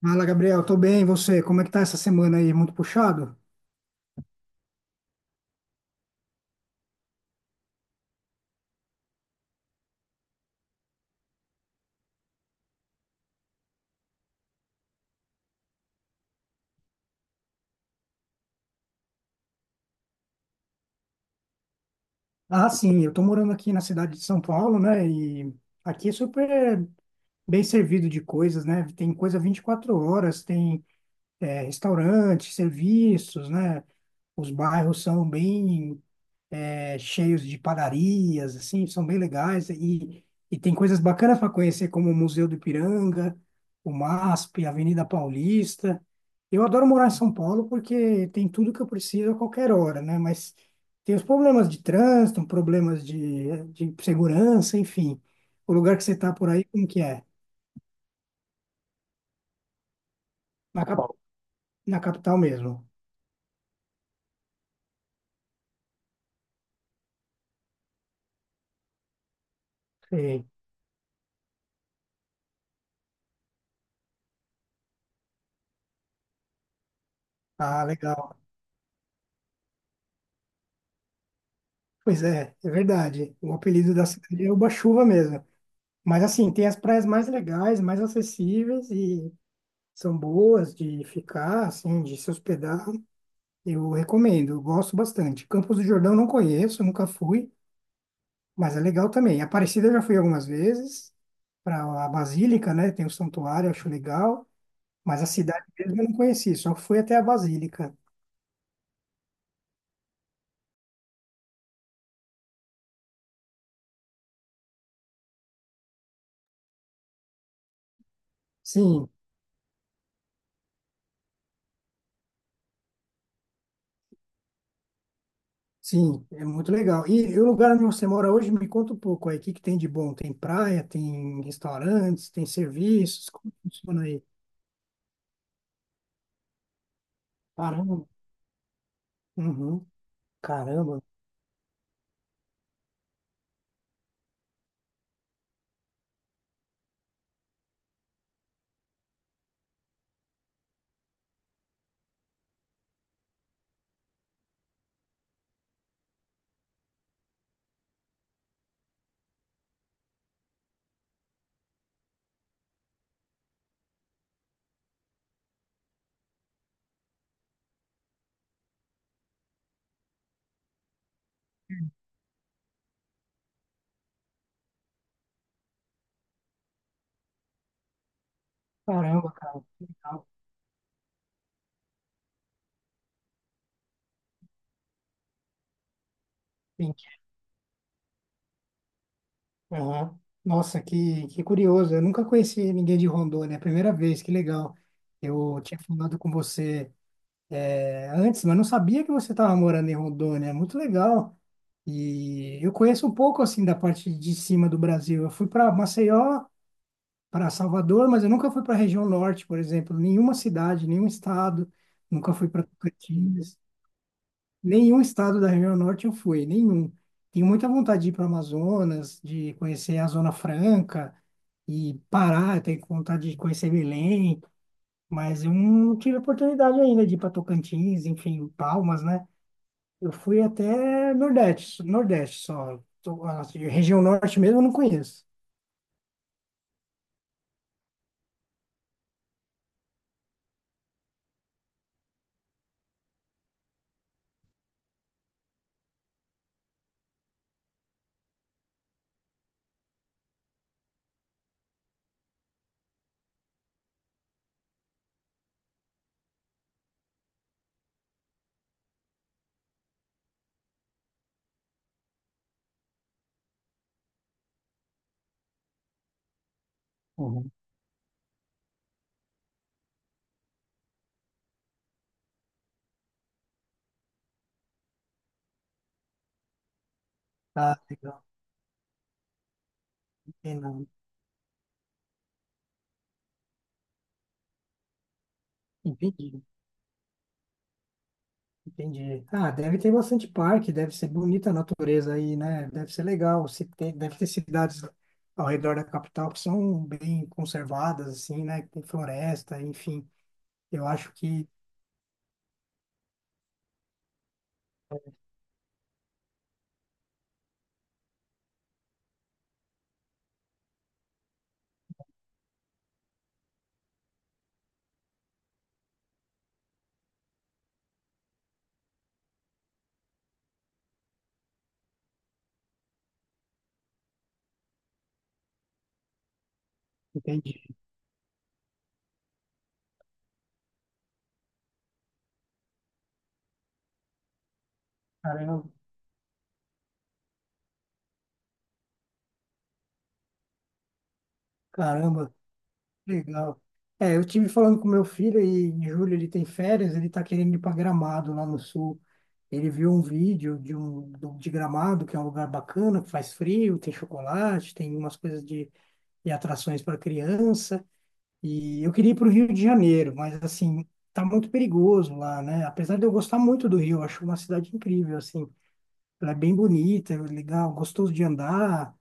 Fala, Gabriel, tô bem, e você? Como é que tá essa semana aí? Muito puxado? Ah, sim, eu tô morando aqui na cidade de São Paulo, né? E aqui é super bem servido de coisas, né? Tem coisa 24 horas, tem restaurante, serviços, né? Os bairros são bem cheios de padarias, assim, são bem legais. E tem coisas bacanas para conhecer, como o Museu do Ipiranga, o MASP, a Avenida Paulista. Eu adoro morar em São Paulo porque tem tudo que eu preciso a qualquer hora, né? Mas tem os problemas de trânsito, problemas de segurança, enfim. O lugar que você está por aí, como que é? Na, cap- Na capital mesmo. Sim. Ah, legal. Pois é, é verdade. O apelido da cidade é Uba-Chuva mesmo. Mas assim, tem as praias mais legais, mais acessíveis e são boas de ficar, assim, de se hospedar. Eu recomendo, eu gosto bastante. Campos do Jordão não conheço, nunca fui, mas é legal também. Aparecida eu já fui algumas vezes para a Basílica, né? Tem o santuário, acho legal, mas a cidade mesmo eu não conheci, só fui até a Basílica. Sim, sim, é muito legal. E, o lugar onde você mora hoje, me conta um pouco aí, o que que tem de bom? Tem praia, tem restaurantes, tem serviços, como funciona aí? Caramba. Uhum. Caramba. Caramba, cara. Que legal. Sim. Aham. Nossa, que curioso. Eu nunca conheci ninguém de Rondônia. É a primeira vez. Que legal. Eu tinha falado com você antes, mas não sabia que você estava morando em Rondônia. Muito legal. E eu conheço um pouco assim da parte de cima do Brasil. Eu fui para Maceió, para Salvador, mas eu nunca fui para a região norte, por exemplo, nenhuma cidade, nenhum estado. Nunca fui para Tocantins. Nenhum estado da região norte eu fui, nenhum. Tenho muita vontade de ir para Amazonas, de conhecer a Zona Franca e Pará, eu tenho vontade de conhecer Belém, mas eu não tive oportunidade ainda de ir para Tocantins, enfim, Palmas, né? Eu fui até Nordeste, Nordeste só. A região norte mesmo eu não conheço. Uhum. Ah, legal, não tem nada. Entendi. Entendi. Ah, deve ter bastante parque, deve ser bonita a natureza aí, né? Deve ser legal. Se tem, deve ter cidades ao redor da capital que são bem conservadas, assim, né? Que tem floresta, enfim. Eu acho que. Entendi. Caramba, caramba, legal. É, eu tive falando com meu filho e em julho ele tem férias, ele tá querendo ir para Gramado lá no sul. Ele viu um vídeo de de Gramado, que é um lugar bacana, que faz frio, tem chocolate, tem umas coisas de atrações para criança. E eu queria ir para o Rio de Janeiro, mas assim, tá muito perigoso lá, né? Apesar de eu gostar muito do Rio, eu acho uma cidade incrível, assim. Ela é bem bonita, é legal, gostoso de andar.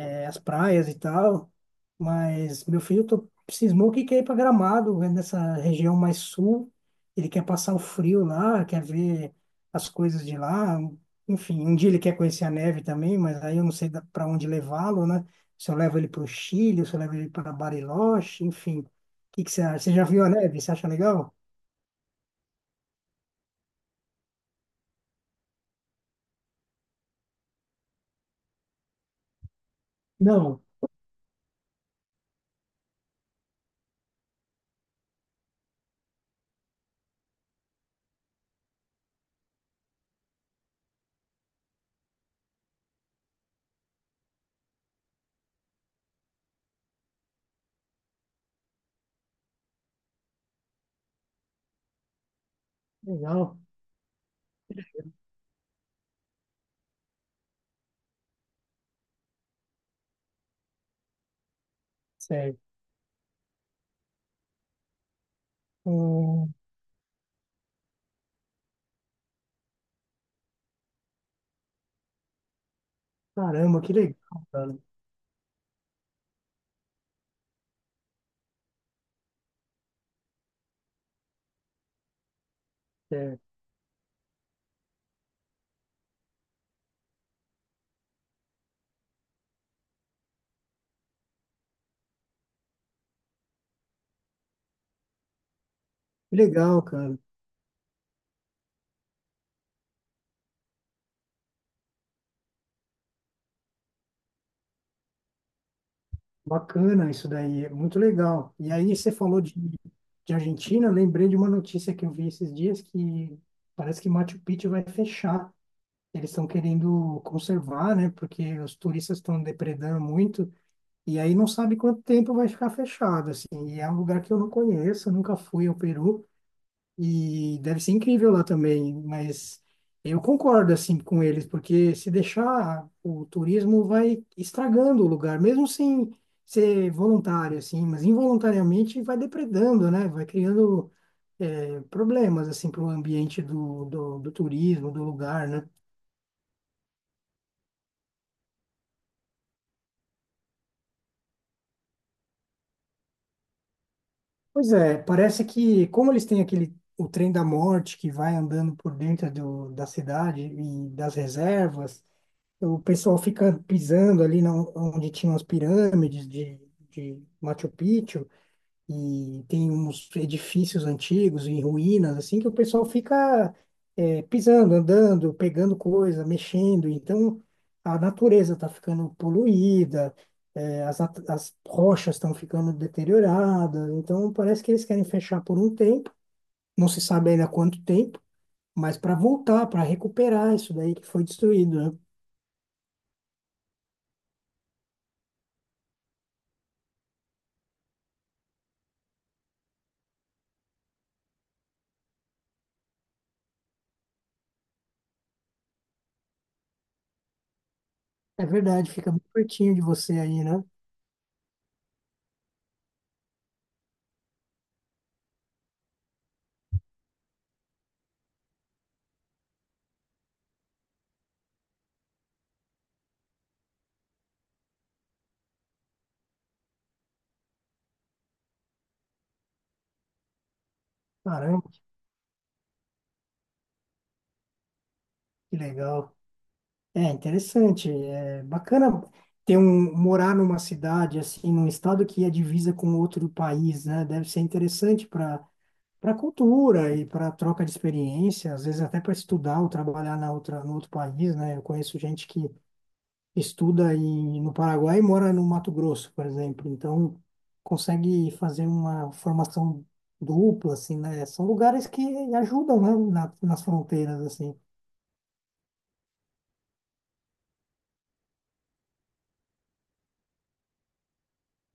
É, as praias e tal, mas meu filho cismou que quer ir para Gramado, né, nessa região mais sul. Ele quer passar o frio lá, quer ver as coisas de lá. Enfim, um dia ele quer conhecer a neve também, mas aí eu não sei para onde levá-lo, né? Se eu levo ele para o Chile, se eu levo ele para Bariloche, enfim. O que que você acha? Você já viu a neve? Você acha legal? Não. Legal. Sério. Hum, caramba, que legal, cara. Sério. Que legal, cara. Bacana isso daí, é muito legal. E aí você falou de Argentina, eu lembrei de uma notícia que eu vi esses dias que parece que Machu Picchu vai fechar. Eles estão querendo conservar, né? Porque os turistas estão depredando muito e aí não sabe quanto tempo vai ficar fechado, assim. E é um lugar que eu não conheço, eu nunca fui ao Peru. E deve ser incrível lá também, mas eu concordo assim com eles, porque se deixar o turismo vai estragando o lugar, mesmo sem ser voluntário assim, mas involuntariamente vai depredando, né? Vai criando problemas assim para o ambiente do turismo, do lugar, né? Pois é, parece que como eles têm aquele o trem da morte que vai andando por dentro da cidade e das reservas. O pessoal fica pisando ali na, onde tinham as pirâmides de Machu Picchu e tem uns edifícios antigos em ruínas, assim, que o pessoal fica pisando, andando, pegando coisa, mexendo. Então, a natureza está ficando poluída, as rochas estão ficando deterioradas. Então, parece que eles querem fechar por um tempo, não se sabe ainda quanto tempo, mas para voltar, para recuperar isso daí que foi destruído, né? É verdade, fica muito pertinho de você aí, né? Caramba, que legal. É interessante, é bacana ter um morar numa cidade assim, num estado que é divisa com outro país, né? Deve ser interessante para para cultura e para troca de experiência, às vezes até para estudar ou trabalhar na outra no outro país, né? Eu conheço gente que estuda em, no Paraguai e mora no Mato Grosso, por exemplo. Então, consegue fazer uma formação dupla, assim, né? São lugares que ajudam, né? Nas fronteiras, assim.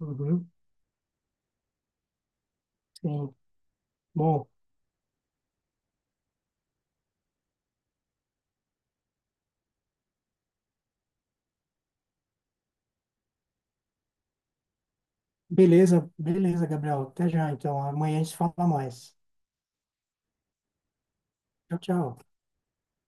Uhum, sim. Bom, beleza, beleza, Gabriel. Até já, então. Amanhã a gente fala mais. Tchau, tchau.